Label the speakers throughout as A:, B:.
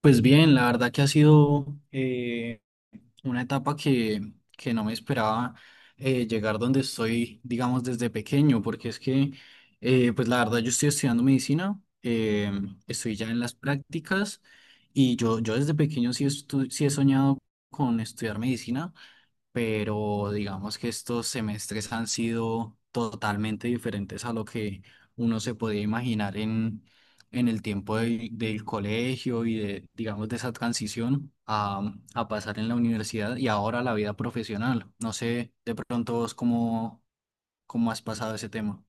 A: Pues bien, la verdad que ha sido una etapa que no me esperaba llegar donde estoy, digamos, desde pequeño, porque es que, pues la verdad, yo estoy estudiando medicina, estoy ya en las prácticas y yo desde pequeño sí, sí he soñado con estudiar medicina, pero digamos que estos semestres han sido totalmente diferentes a lo que uno se podía imaginar en el tiempo del colegio y de, digamos, de esa transición a pasar en la universidad y ahora la vida profesional. No sé, de pronto vos cómo has pasado ese tema.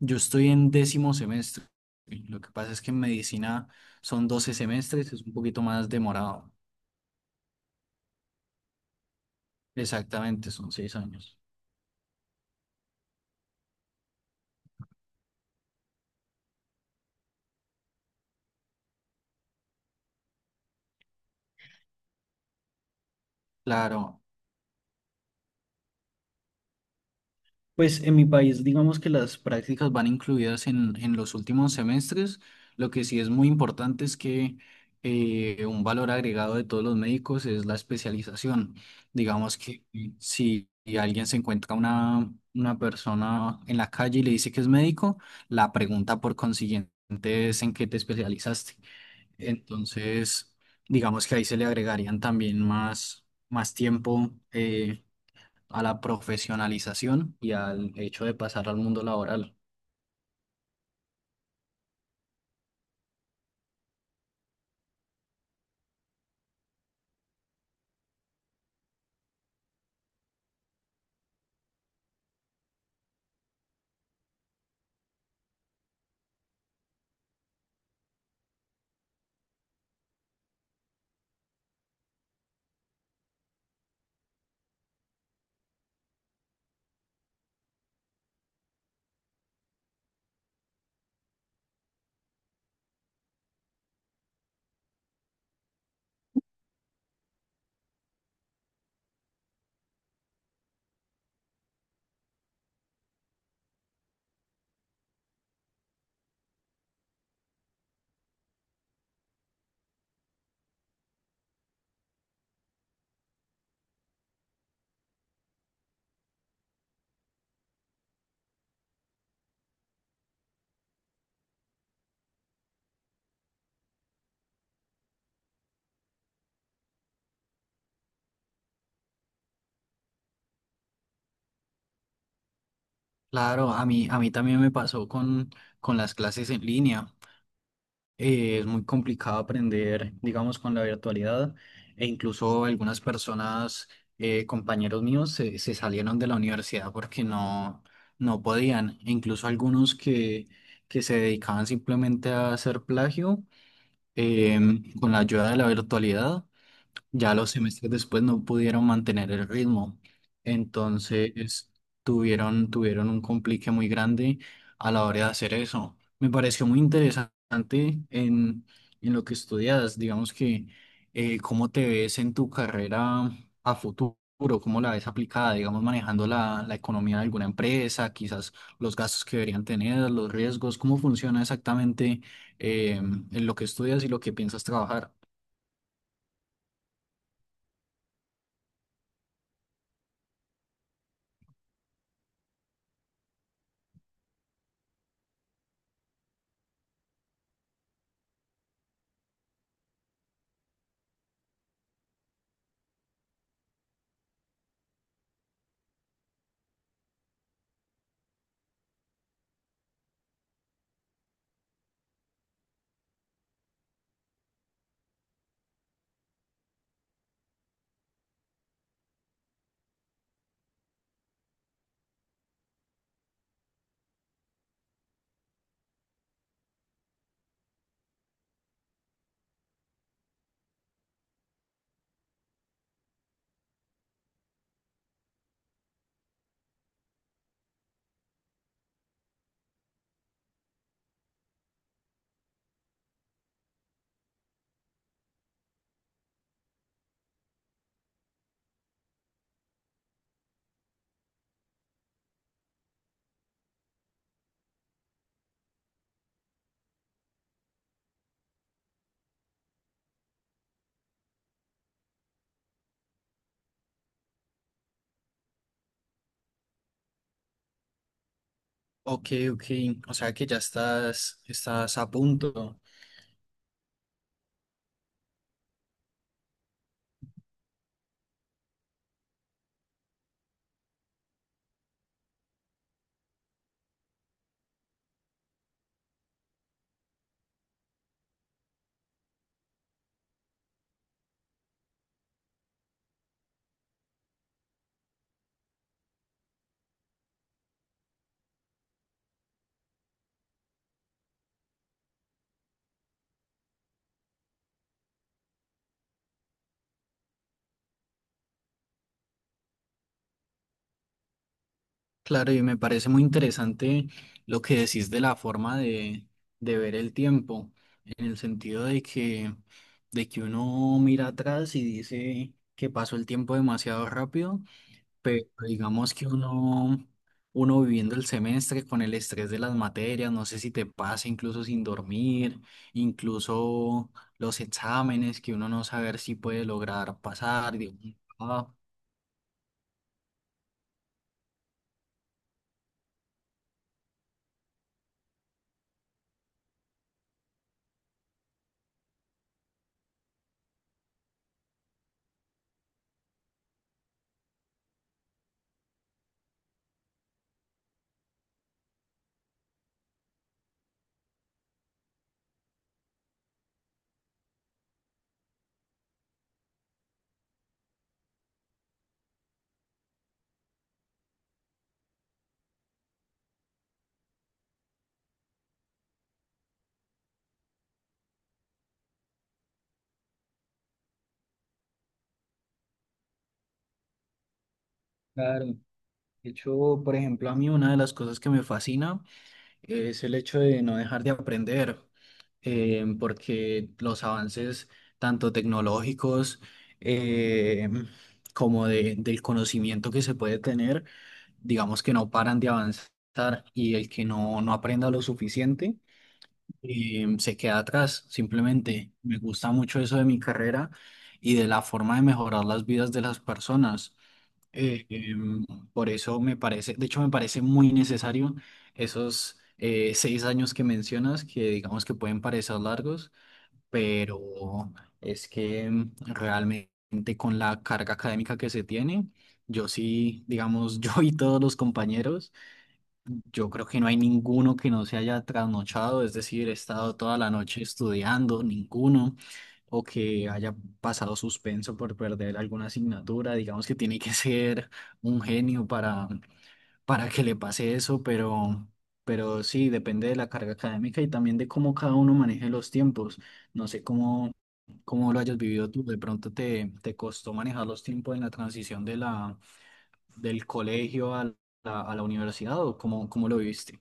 A: Yo estoy en décimo semestre. Lo que pasa es que en medicina son 12 semestres, es un poquito más demorado. Exactamente, son 6 años. Claro. Pues en mi país, digamos que las prácticas van incluidas en los últimos semestres. Lo que sí es muy importante es que un valor agregado de todos los médicos es la especialización. Digamos que si alguien se encuentra una persona en la calle y le dice que es médico, la pregunta por consiguiente es en qué te especializaste. Entonces, digamos que ahí se le agregarían también más tiempo. A la profesionalización y al hecho de pasar al mundo laboral. Claro, a mí también me pasó con las clases en línea. Es muy complicado aprender, digamos, con la virtualidad, e incluso algunas personas, compañeros míos, se salieron de la universidad porque no podían. E incluso algunos que se dedicaban simplemente a hacer plagio, em, con la ayuda de la virtualidad. Ya los semestres después no pudieron mantener el ritmo, entonces tuvieron un complique muy grande a la hora de hacer eso. Me pareció muy interesante en, en lo que estudias, digamos que cómo te ves en tu carrera a futuro, cómo la ves aplicada, digamos, manejando la economía de alguna empresa, quizás los gastos que deberían tener, los riesgos, cómo funciona exactamente en lo que estudias y lo que piensas trabajar. Ok, ok. O sea que ya estás a punto. Claro, y me parece muy interesante lo que decís de la forma de ver el tiempo, en el sentido de que uno mira atrás y dice que pasó el tiempo demasiado rápido. Pero digamos que uno viviendo el semestre con el estrés de las materias, no sé si te pasa incluso sin dormir, incluso los exámenes que uno no saber si puede lograr pasar. Digo, "Ah, claro. De hecho, por ejemplo, a mí una de las cosas que me fascina es el hecho de no dejar de aprender. Eh, porque los avances tanto tecnológicos, eh, como del conocimiento que se puede tener, digamos que no paran de avanzar, y el que no aprenda lo suficiente, se queda atrás. Simplemente me gusta mucho eso de mi carrera y de la forma de mejorar las vidas de las personas. Eh, em, por eso me parece, de hecho me parece muy necesario esos 6 años que mencionas, que digamos que pueden parecer largos, pero es que realmente con la carga académica que se tiene, yo sí, digamos, yo y todos los compañeros, yo creo que no hay ninguno que no se haya trasnochado, es decir, he estado toda la noche estudiando, ninguno, o que haya pasado suspenso por perder alguna asignatura, digamos que tiene que ser un genio para que le pase eso, pero sí, depende de la carga académica y también de cómo cada uno maneje los tiempos. No sé cómo lo hayas vivido tú. De pronto te costó manejar los tiempos en la transición de del colegio a a la universidad o cómo lo viviste.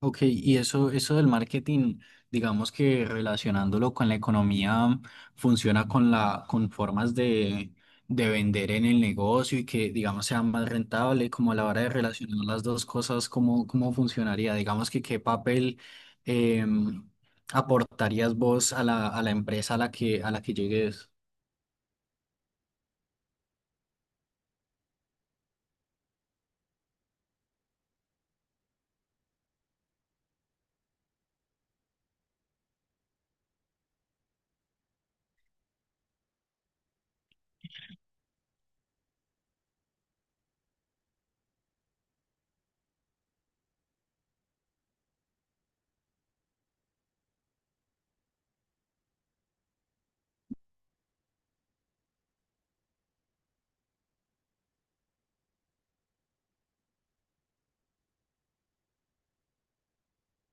A: Ok, y eso del marketing, digamos que relacionándolo con la economía, funciona con con formas de vender en el negocio y que, digamos, sea más rentable, como a la hora de relacionar las dos cosas, ¿cómo, cómo funcionaría? Digamos que qué papel em, aportarías vos a a la empresa a la a la que llegues.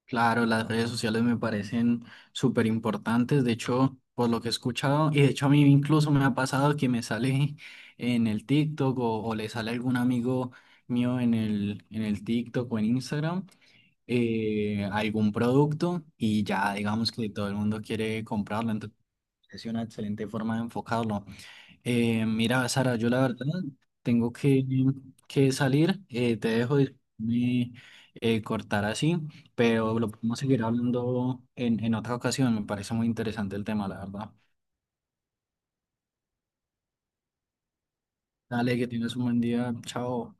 A: Claro, las redes sociales me parecen súper importantes, de hecho, por lo que he escuchado, y de hecho a mí incluso me ha pasado que me sale en el TikTok o le sale algún amigo mío en el TikTok o en Instagram, algún producto y ya digamos que todo el mundo quiere comprarlo, entonces es una excelente forma de enfocarlo. Mira, Sara, yo la verdad tengo que salir. Eh, te dejo de me, cortar así, pero lo podemos seguir hablando en otra ocasión. Me parece muy interesante el tema, la verdad. Dale, que tienes un buen día. Chao.